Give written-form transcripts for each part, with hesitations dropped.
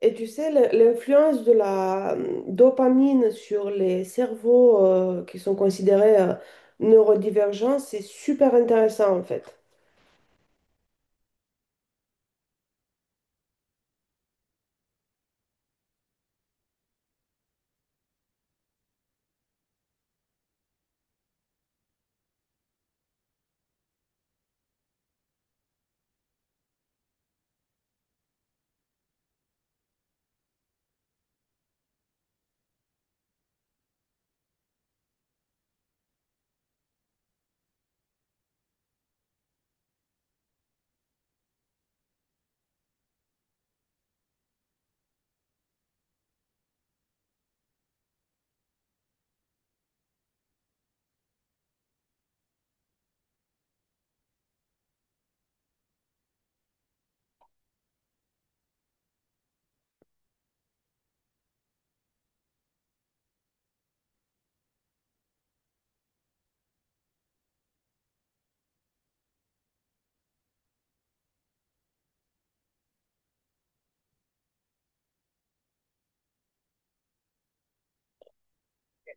Et tu sais, l'influence de la dopamine sur les cerveaux qui sont considérés neurodivergents, c'est super intéressant en fait.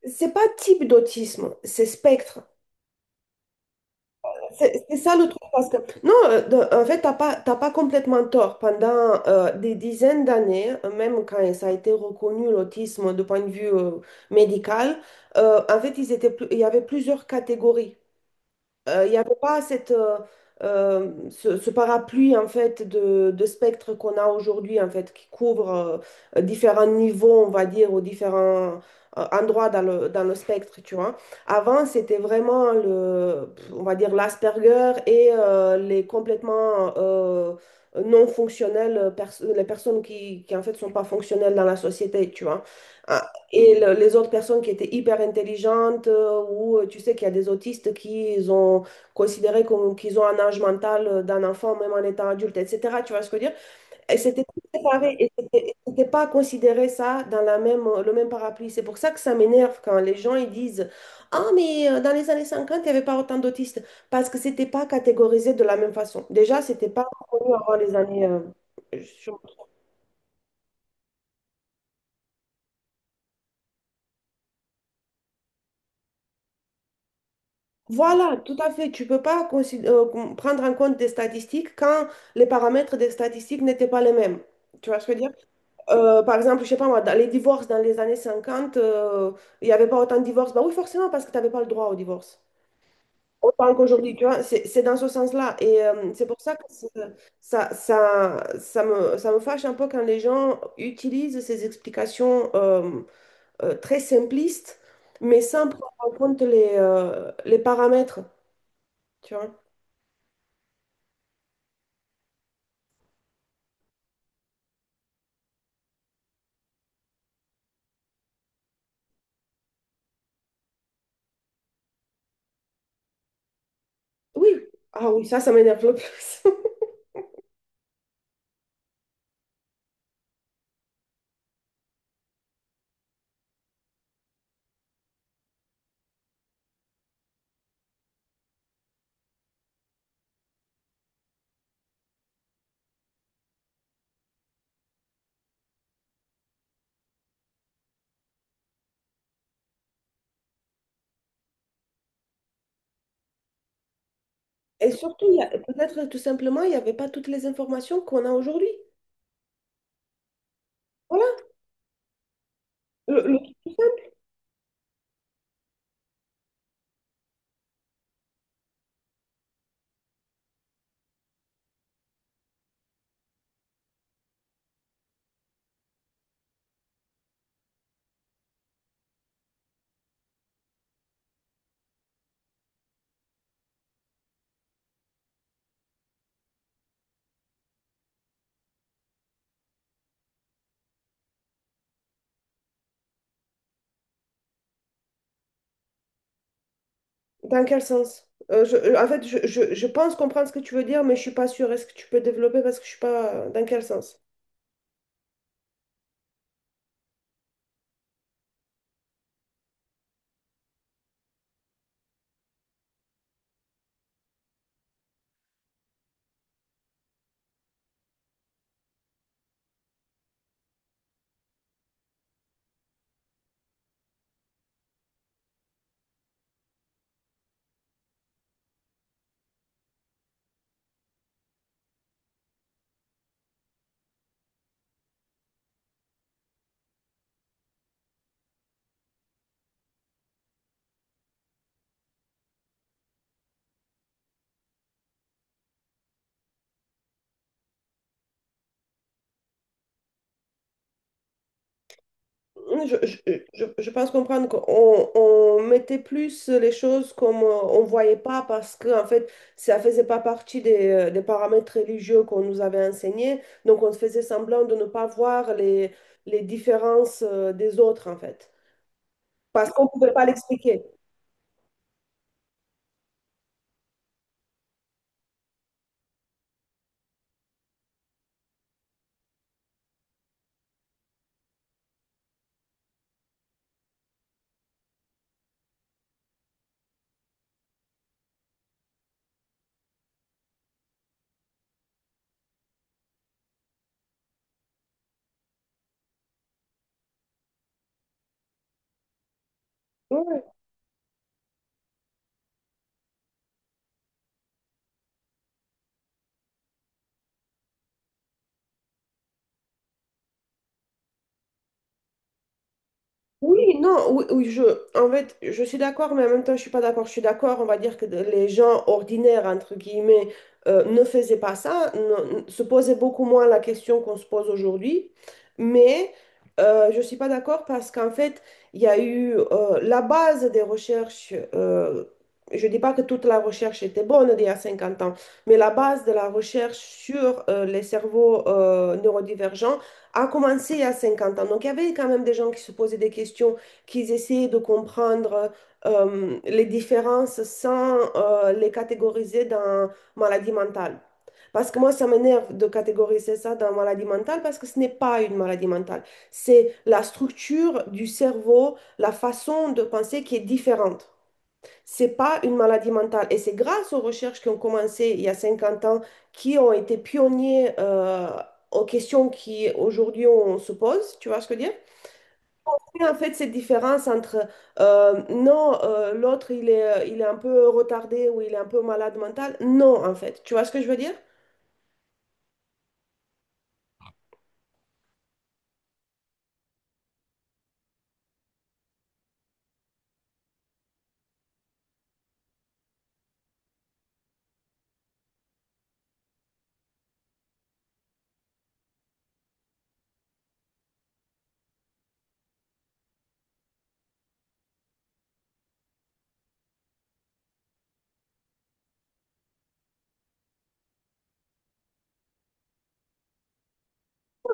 C'est pas type d'autisme, c'est spectre. C'est ça le truc. Parce que, non, en fait, t'as pas complètement tort. Pendant des dizaines d'années, même quand ça a été reconnu l'autisme de point de vue médical, en fait, il y avait plusieurs catégories. Il n'y avait pas ce parapluie en fait de spectre qu'on a aujourd'hui en fait qui couvre différents niveaux on va dire ou différents endroits dans dans le spectre tu vois. Avant c'était vraiment le on va dire l'Asperger et les complètement non fonctionnels pers- les personnes qui en fait sont pas fonctionnelles dans la société tu vois. Euh, les autres personnes qui étaient hyper intelligentes, ou tu sais qu'il y a des autistes qui ils ont considéré comme, qu'ils ont un âge mental d'un enfant, même en étant adulte, etc. Tu vois ce que je veux dire? Et c'était tout séparé, et c'était pas considéré ça dans la même, le même parapluie. C'est pour ça que ça m'énerve quand les gens ils disent, Ah, mais dans les années 50 il n'y avait pas autant d'autistes, parce que c'était pas catégorisé de la même façon. Déjà, c'était pas connu avant les années... je- Voilà, tout à fait. Tu peux pas prendre en compte des statistiques quand les paramètres des statistiques n'étaient pas les mêmes. Tu vois ce que je veux dire? Par exemple, je sais pas moi, dans les divorces dans les années 50, il n'y avait pas autant de divorces. Bah oui, forcément, parce que tu n'avais pas le droit au divorce. Autant qu'aujourd'hui, tu vois, c'est dans ce sens-là. Et c'est pour ça que c'est- ça, ça me fâche un peu quand les gens utilisent ces explications très simplistes, mais sans prendre en compte les paramètres. Tu vois? Oui, ah oui, ça m'énerve le plus. Et surtout, peut-être tout simplement, il n'y avait pas toutes les informations qu'on a aujourd'hui. Voilà. Le- le- Dans quel sens? En fait, je pense comprendre ce que tu veux dire, mais je suis pas sûre. Est-ce que tu peux développer parce que je suis pas... Dans quel sens? Je, je pense comprendre qu'on on mettait plus les choses comme on voyait pas parce que en fait ça faisait pas partie des paramètres religieux qu'on nous avait enseignés donc on faisait semblant de ne pas voir les différences des autres en fait parce qu'on ne pouvait pas l'expliquer. Ouais. Oui, non, oui, oui, je, en fait, je suis d'accord, mais en même temps, je suis pas d'accord. Je suis d'accord, on va dire que les gens ordinaires, entre guillemets, ne faisaient pas ça, se posaient beaucoup moins la question qu'on se pose aujourd'hui. Mais je suis pas d'accord parce qu'en fait, il y a eu la base des recherches. Je dis pas que toute la recherche était bonne d'il y a 50 ans, mais la base de la recherche sur les cerveaux neurodivergents a commencé à 50 ans. Donc, il y avait quand même des gens qui se posaient des questions, qui essayaient de comprendre les différences sans les catégoriser dans maladie mentale. Parce que moi, ça m'énerve de catégoriser ça dans maladie mentale parce que ce n'est pas une maladie mentale. C'est la structure du cerveau, la façon de penser qui est différente. C'est pas une maladie mentale. Et c'est grâce aux recherches qui ont commencé il y a 50 ans, qui ont été pionniers aux questions qui aujourd'hui on se pose, tu vois ce que je veux dire? Et en fait, cette différence entre non, l'autre il est un peu retardé ou il est un peu malade mental, non, en fait, tu vois ce que je veux dire?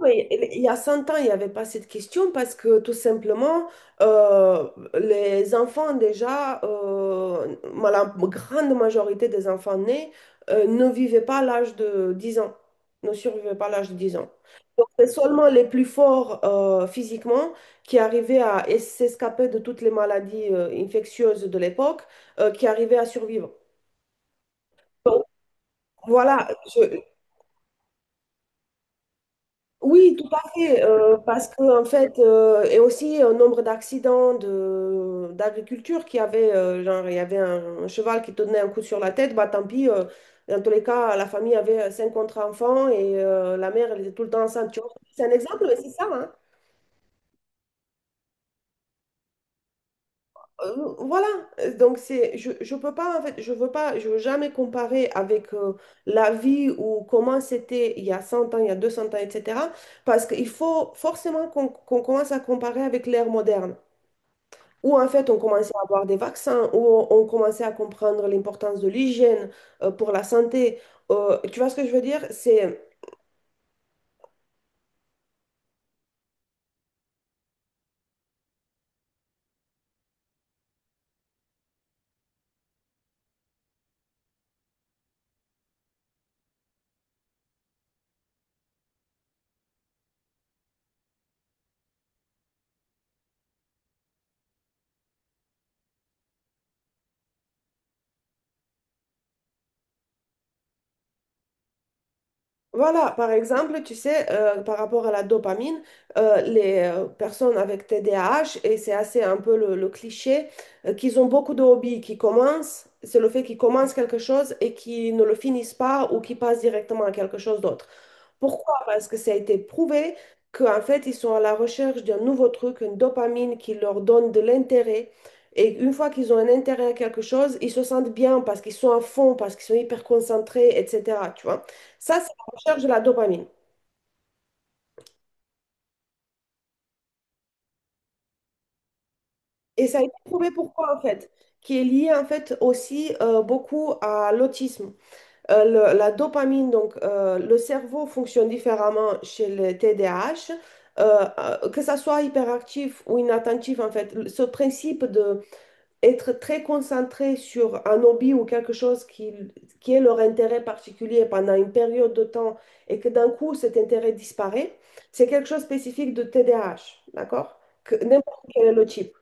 Oui, il y a 100 ans, il n'y avait pas cette question parce que tout simplement, euh, les enfants déjà, la grande majorité des enfants nés ne vivaient pas à l'âge de 10 ans, ne survivaient pas à l'âge de 10 ans. Donc, c'est seulement les plus forts physiquement qui arrivaient à s'escaper de toutes les maladies infectieuses de l'époque, qui arrivaient à survivre. Donc, voilà, je, oui, tout à fait, parce que en fait, et aussi un nombre d'accidents de d'agriculture qui avait, genre, il y avait un cheval qui donnait un coup sur la tête, bah tant pis, dans tous les cas, la famille avait cinq contre enfants et la mère, elle était tout le temps enceinte. Tu vois, c'est un exemple, mais c'est ça, hein. Euh, voilà, donc c'est, je peux pas, en fait, je veux pas, je veux jamais comparer avec la vie ou comment c'était il y a 100 ans, il y a 200 ans, etc. Parce qu'il faut forcément qu'on commence à comparer avec l'ère moderne, où en fait on commençait à avoir des vaccins, où on commençait à comprendre l'importance de l'hygiène pour la santé. Tu vois ce que je veux dire? C'est voilà, par exemple, tu sais, par rapport à la dopamine, les personnes avec TDAH, et c'est assez un peu le cliché, qu'ils ont beaucoup de hobbies qui commencent, c'est le fait qu'ils commencent quelque chose et qu'ils ne le finissent pas ou qu'ils passent directement à quelque chose d'autre. Pourquoi? Parce que ça a été prouvé qu'en fait, ils sont à la recherche d'un nouveau truc, une dopamine qui leur donne de l'intérêt. Et une fois qu'ils ont un intérêt à quelque chose, ils se sentent bien parce qu'ils sont à fond, parce qu'ils sont hyper concentrés, etc. Tu vois? Ça, recherche de la dopamine. Et ça a été prouvé pourquoi, en fait, qui est lié, en fait, aussi beaucoup à l'autisme. La dopamine, donc, le cerveau fonctionne différemment chez les TDAH, que ça soit hyperactif ou inattentif, en fait, ce principe de être très concentré sur un hobby ou quelque chose qui est leur intérêt particulier pendant une période de temps et que d'un coup cet intérêt disparaît, c'est quelque chose de spécifique de TDAH, d'accord? Que n'importe quel est le type.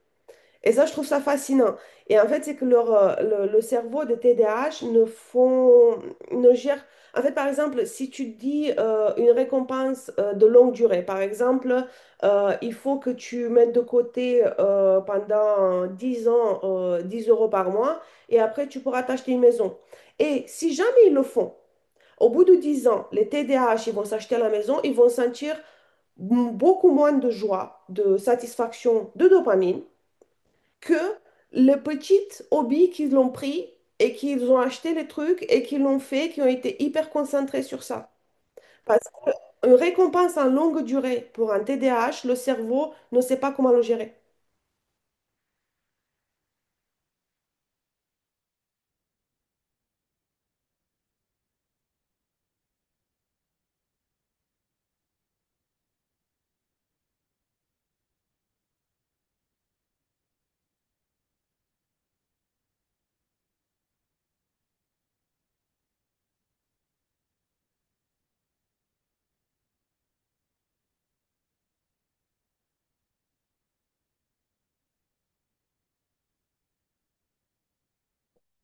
Et ça, je trouve ça fascinant. Et en fait, c'est que le cerveau des TDAH ne font, ne gère. En fait, par exemple, si tu dis une récompense de longue durée, par exemple, il faut que tu mettes de côté pendant 10 ans 10 euros par mois et après tu pourras t'acheter une maison. Et si jamais ils le font, au bout de 10 ans, les TDAH, ils vont s'acheter la maison, ils vont sentir beaucoup moins de joie, de satisfaction, de dopamine que les petites hobbies qu'ils ont pris et qu'ils ont acheté les trucs et qu'ils l'ont fait, qui ont été hyper concentrés sur ça. Parce qu'une récompense en longue durée pour un TDAH, le cerveau ne sait pas comment le gérer.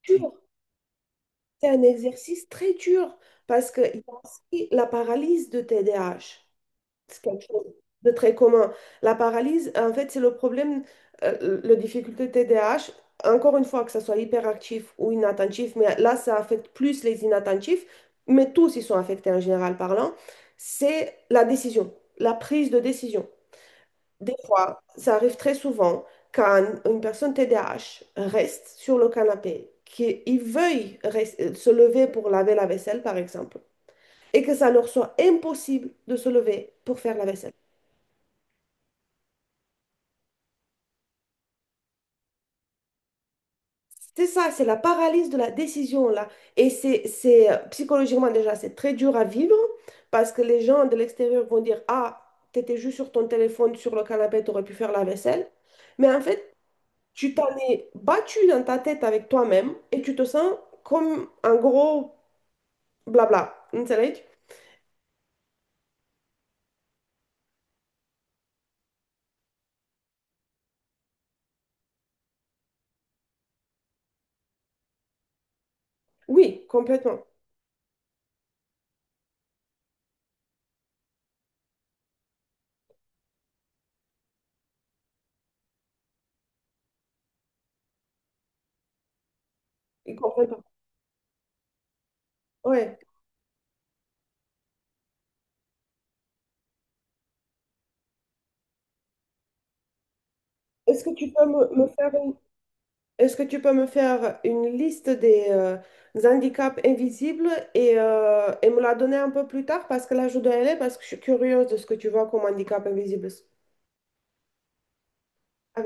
Dur. C'est un exercice très dur parce qu'il y a aussi la paralysie de TDAH. C'est quelque chose de très commun. La paralysie, en fait, c'est le problème, le difficulté T D A H. Encore une fois, que ce soit hyperactif ou inattentif, mais là, ça affecte plus les inattentifs, mais tous ils sont affectés en général parlant. C'est la décision, la prise de décision. Des fois, ça arrive très souvent quand une personne T D A H reste sur le canapé, qu'il veuille se lever pour laver la vaisselle, par exemple, et que ça leur soit impossible de se lever pour faire la vaisselle. C'est ça, c'est la paralysie de la décision là. Et c'est psychologiquement déjà, c'est très dur à vivre parce que les gens de l'extérieur vont dire, Ah, t'étais juste sur ton téléphone, sur le canapé, t'aurais pu faire la vaisselle. Mais en fait, tu t'en es battu dans ta tête avec toi-même et tu te sens comme un gros blabla. Vous savez? Oui, complètement. Et complètement. Ouais. Est-ce que tu peux me, me faire une, Est-ce que tu peux me faire une liste des handicaps invisibles et me la donner un peu plus tard parce que là, je dois y aller parce que je suis curieuse de ce que tu vois comme handicap invisible. À